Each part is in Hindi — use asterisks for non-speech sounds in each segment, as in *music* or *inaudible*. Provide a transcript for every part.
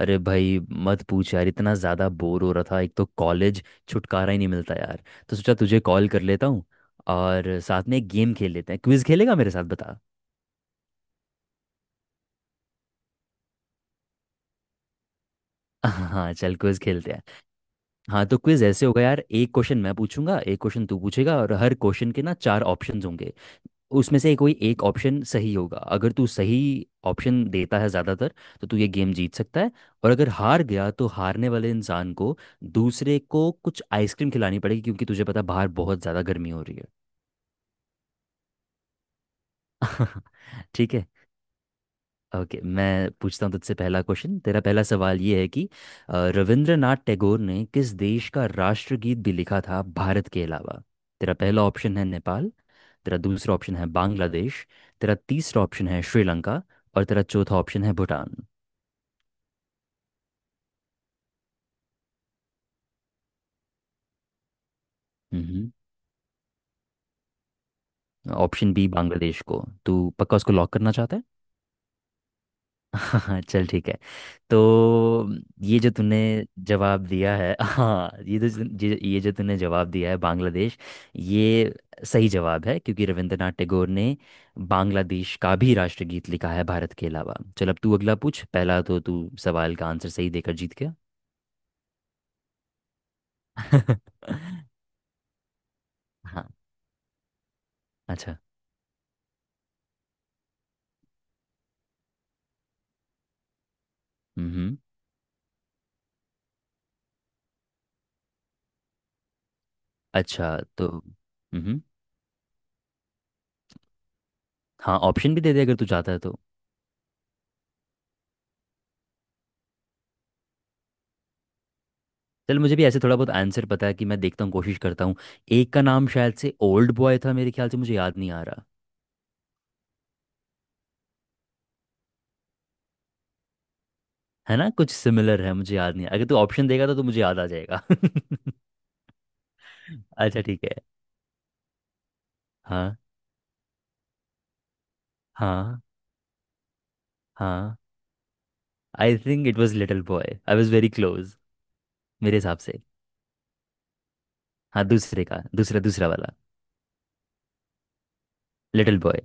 अरे भाई मत पूछ यार। इतना ज़्यादा बोर हो रहा था। एक तो कॉलेज, छुटकारा ही नहीं मिलता यार। तो सोचा तुझे कॉल कर लेता हूँ और साथ में एक गेम खेल लेते हैं। क्विज खेलेगा मेरे साथ, बता। *laughs* हाँ, चल क्विज खेलते हैं। हाँ तो क्विज ऐसे होगा यार, एक क्वेश्चन मैं पूछूंगा, एक क्वेश्चन तू पूछेगा, और हर क्वेश्चन के ना चार ऑप्शंस होंगे। उसमें से कोई एक ऑप्शन सही होगा। अगर तू सही ऑप्शन देता है ज़्यादातर, तो तू ये गेम जीत सकता है। और अगर हार गया, तो हारने वाले इंसान को, दूसरे को, कुछ आइसक्रीम खिलानी पड़ेगी, क्योंकि तुझे पता है बाहर बहुत ज़्यादा गर्मी हो रही है। *laughs* ठीक है। ओके मैं पूछता हूँ तुझसे पहला क्वेश्चन। तेरा पहला सवाल ये है कि रविंद्रनाथ टैगोर ने किस देश का राष्ट्रगीत भी लिखा था भारत के अलावा। तेरा पहला ऑप्शन है नेपाल। तेरा दूसरा ऑप्शन है बांग्लादेश। तेरा तीसरा ऑप्शन है श्रीलंका। और तेरा चौथा ऑप्शन है भूटान। हम्म। ऑप्शन बी बांग्लादेश को, तू पक्का उसको लॉक करना चाहता है? *laughs* हाँ चल ठीक है। तो ये जो तूने जवाब दिया है, *laughs* हाँ ये तो, ये जो तूने जवाब दिया है बांग्लादेश, ये सही जवाब है। क्योंकि रविंद्रनाथ टैगोर ने बांग्लादेश का भी राष्ट्रगीत लिखा है भारत के अलावा। चल अब तू अगला पूछ। पहला तो तू सवाल का आंसर सही देकर जीत गया। *laughs* हाँ। अच्छा। हम्म हम्म, अच्छा तो हाँ, ऑप्शन भी दे दे अगर तू चाहता है तो। चल मुझे भी ऐसे थोड़ा बहुत आंसर पता है, कि मैं देखता हूँ, कोशिश करता हूँ। एक का नाम शायद से ओल्ड बॉय था मेरे ख्याल से, मुझे याद नहीं आ रहा। है ना, कुछ सिमिलर है, मुझे याद नहीं अगर तू ऑप्शन देगा तो मुझे याद आ जाएगा। *laughs* अच्छा ठीक है। हाँ। हाँ। हाँ, I think it was little boy, I was very close मेरे हिसाब से। हाँ, दूसरे का, दूसरा दूसरा वाला लिटिल बॉय।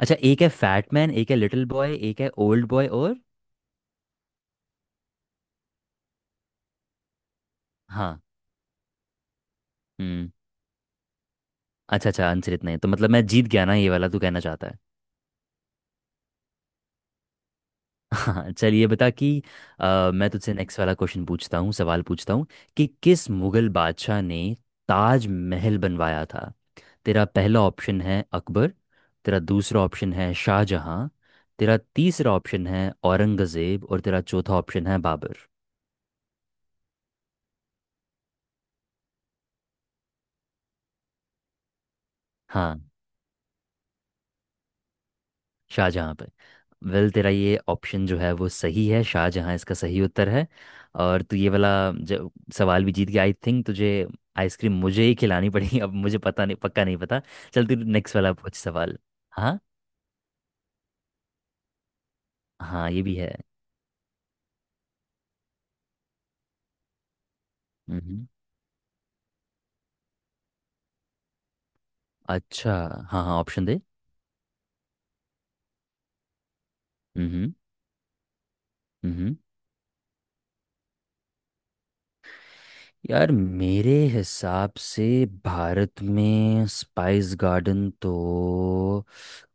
अच्छा, एक है फैट मैन, एक है लिटिल बॉय, एक है ओल्ड बॉय और। हाँ। हम्म। अच्छा अच्छा, आंसर इतना है तो मतलब मैं जीत गया ना ये वाला, तू कहना चाहता है? *laughs* हाँ चल, ये बता कि मैं तुझसे नेक्स्ट वाला क्वेश्चन पूछता हूँ, सवाल पूछता हूँ, कि किस मुगल बादशाह ने ताज महल बनवाया था। तेरा पहला ऑप्शन है अकबर। तेरा दूसरा ऑप्शन है शाहजहां। तेरा तीसरा ऑप्शन है औरंगजेब। और तेरा चौथा ऑप्शन है बाबर। हाँ, शाहजहाँ पे। वेल, तेरा ये ऑप्शन जो है वो सही है, शाहजहाँ इसका सही उत्तर है। और तू ये वाला जो सवाल भी जीत गया। आई थिंक तुझे आइसक्रीम, मुझे ही खिलानी पड़ेगी अब, मुझे पता नहीं, पक्का नहीं पता। चल तू नेक्स्ट वाला पूछ सवाल। हाँ, हाँ ये भी है। हम्म। अच्छा। हाँ हाँ, ऑप्शन दे। हम्म। हम्म। यार मेरे हिसाब से भारत में स्पाइस गार्डन तो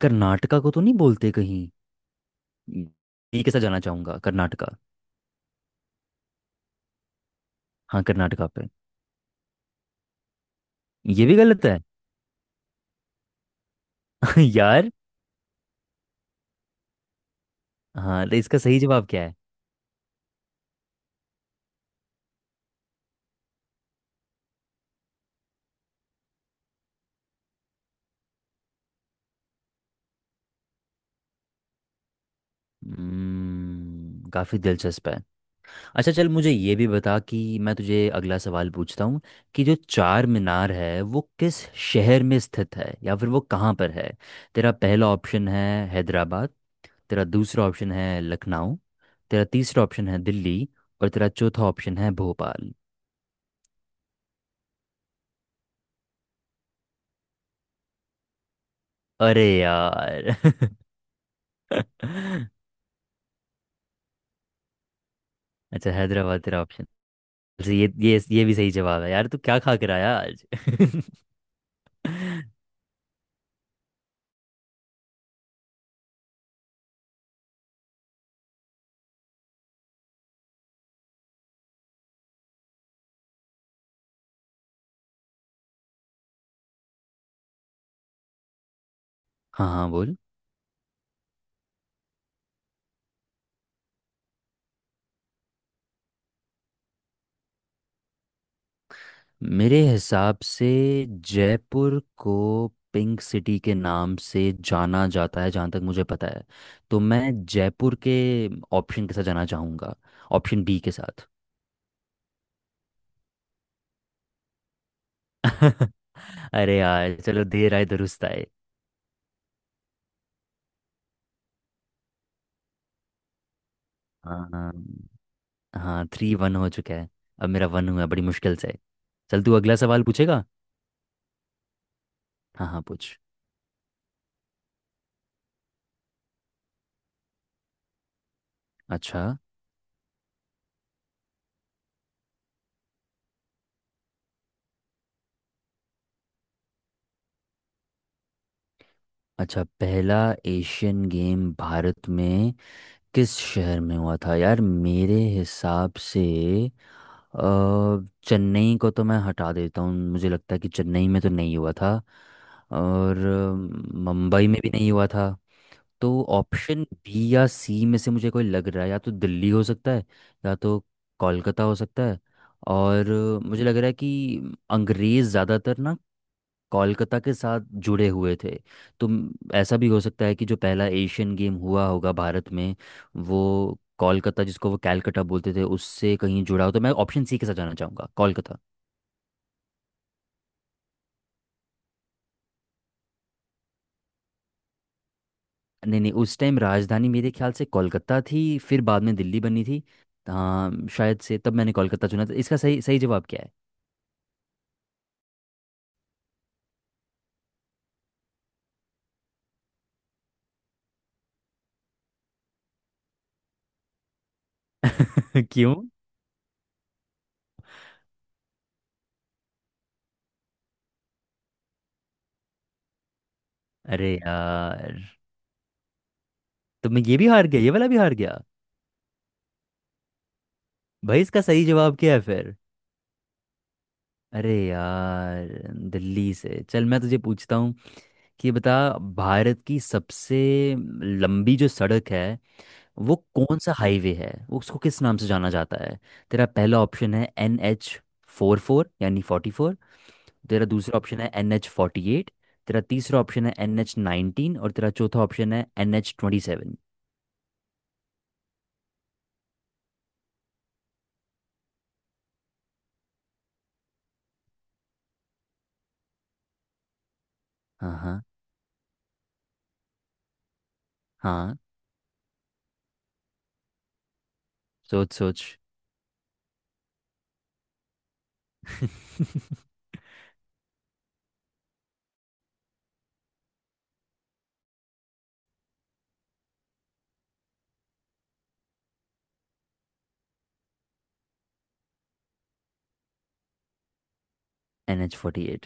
कर्नाटका को तो नहीं बोलते कहीं। ये के साथ जाना चाहूंगा, कर्नाटका। हाँ, कर्नाटका पे। ये भी गलत है। *laughs* यार। हाँ तो इसका सही जवाब क्या है? हम्म, काफी दिलचस्प है। अच्छा चल, मुझे ये भी बता कि मैं तुझे अगला सवाल पूछता हूँ, कि जो चार मीनार है वो किस शहर में स्थित है, या फिर वो कहाँ पर है। तेरा पहला ऑप्शन है हैदराबाद। तेरा दूसरा ऑप्शन है लखनऊ। तेरा तीसरा ऑप्शन है दिल्ली। और तेरा चौथा ऑप्शन है भोपाल। अरे यार। *laughs* अच्छा, हैदराबाद तेरा ऑप्शन। अच्छा, ये ये भी सही जवाब है यार। तू क्या खा कर आया आज? *laughs* हाँ हाँ, बोल। मेरे हिसाब से जयपुर को पिंक सिटी के नाम से जाना जाता है जहाँ तक मुझे पता है। तो मैं जयपुर के ऑप्शन के साथ जाना चाहूँगा, ऑप्शन बी के साथ। *laughs* अरे यार, चलो देर आए दुरुस्त आए। हाँ। हाँ, थ्री वन हो चुका है। अब मेरा वन हुआ है, बड़ी मुश्किल से। चल तू अगला सवाल पूछेगा। हाँ हाँ, पूछ। अच्छा। अच्छा। पहला एशियन गेम भारत में किस शहर में हुआ था, यार मेरे हिसाब से। अ, चेन्नई को तो मैं हटा देता हूँ, मुझे लगता है कि चेन्नई में तो नहीं हुआ था। और मुंबई में भी नहीं हुआ था। तो ऑप्शन बी या सी में से मुझे कोई लग रहा है, या तो दिल्ली हो सकता है या तो कोलकाता हो सकता है। और मुझे लग रहा है कि अंग्रेज़ ज़्यादातर ना कोलकाता के साथ जुड़े हुए थे। तो ऐसा भी हो सकता है कि जो पहला एशियन गेम हुआ होगा भारत में, वो कोलकाता, जिसको वो कैलकटा बोलते थे, उससे कहीं जुड़ा हो। तो मैं ऑप्शन सी के साथ जाना चाहूँगा, कोलकाता। नहीं नहीं, उस टाइम राजधानी मेरे ख्याल से कोलकाता थी। फिर बाद में दिल्ली बनी थी। हाँ शायद से, तब मैंने कोलकाता चुना था। इसका सही सही जवाब क्या है? *laughs* क्यों? अरे यार, तो मैं ये भी हार गया, ये वाला भी हार गया। भाई इसका सही जवाब क्या है फिर? अरे यार। दिल्ली से चल, मैं तुझे पूछता हूँ कि बता, भारत की सबसे लंबी जो सड़क है, वो कौन सा हाईवे है, वो उसको किस नाम से जाना जाता है। तेरा पहला ऑप्शन है एन एच फोर फोर यानी फोर्टी फोर। तेरा दूसरा ऑप्शन है एन एच फोर्टी एट। तेरा तीसरा ऑप्शन है एन एच नाइनटीन। और तेरा चौथा ऑप्शन है एन एच ट्वेंटी सेवन। हाँ। हाँ। हाँ। सोच सोच। *laughs* N H forty eight.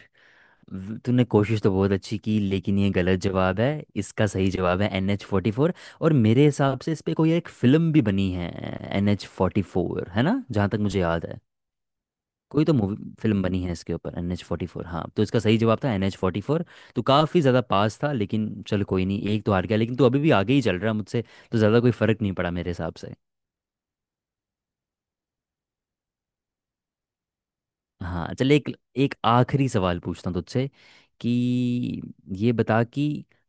तूने कोशिश तो बहुत अच्छी की, लेकिन ये गलत जवाब है। इसका सही जवाब है एन एच फोर्टी फोर। और मेरे हिसाब से इस पे कोई एक फिल्म भी बनी है, एन एच फोर्टी फोर, है ना, जहाँ तक मुझे याद है। कोई तो मूवी फिल्म बनी है इसके ऊपर, एन एच फोर्टी फोर। हाँ तो इसका सही जवाब था एन एच फोर्टी फोर। तो काफ़ी ज़्यादा पास था, लेकिन चल कोई नहीं, एक तो हार गया, लेकिन तू अभी भी आगे ही चल रहा है मुझसे, तो ज़्यादा कोई फ़र्क नहीं पड़ा मेरे हिसाब से। हाँ चल, एक एक आखिरी सवाल पूछता हूँ तुझसे कि ये बता कि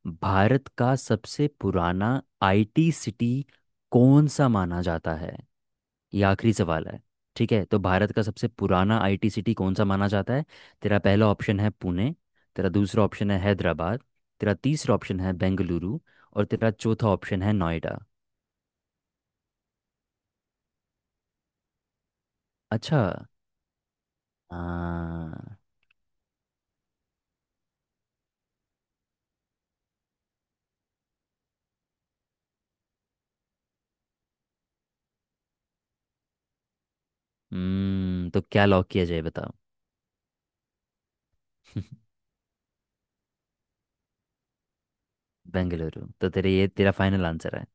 भारत का सबसे पुराना आईटी सिटी कौन सा माना जाता है। ये आखिरी सवाल है, ठीक है। तो भारत का सबसे पुराना आईटी सिटी कौन सा माना जाता है। तेरा पहला ऑप्शन है पुणे। तेरा दूसरा ऑप्शन है हैदराबाद। तेरा तीसरा ऑप्शन है बेंगलुरु। और तेरा चौथा ऑप्शन है नोएडा। अच्छा। हाँ। हम्म, तो क्या लॉक किया जाए, बता। बेंगलुरु, तो तेरे, ये तेरा फाइनल आंसर है?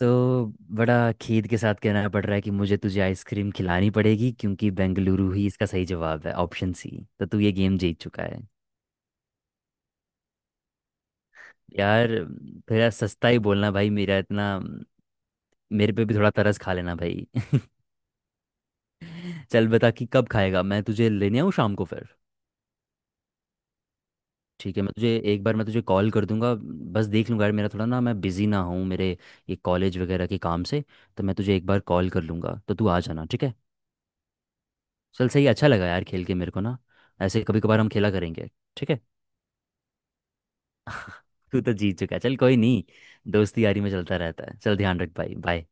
तो बड़ा खेद के साथ कहना पड़ रहा है कि मुझे तुझे आइसक्रीम खिलानी पड़ेगी, क्योंकि बेंगलुरु ही इसका सही जवाब है, ऑप्शन सी। तो तू ये गेम जीत चुका है। यार थोड़ा सस्ता ही बोलना भाई, मेरा इतना, मेरे पे भी थोड़ा तरस खा लेना भाई। *laughs* चल बता कि कब खाएगा, मैं तुझे लेने आऊँ शाम को फिर। ठीक है, मैं तुझे एक बार मैं तुझे कॉल कर दूंगा, बस देख लूंगा यार, मेरा थोड़ा ना मैं बिजी ना हूँ मेरे ये कॉलेज वगैरह के काम से। तो मैं तुझे एक बार कॉल कर लूंगा तो तू आ जाना, ठीक है। चल सही, अच्छा लगा यार खेल के मेरे को ना, ऐसे कभी कभार हम खेला करेंगे, ठीक है। तू तो जीत चुका है, चल कोई नहीं, दोस्ती यारी में चलता रहता है। चल ध्यान रख भाई, बाय।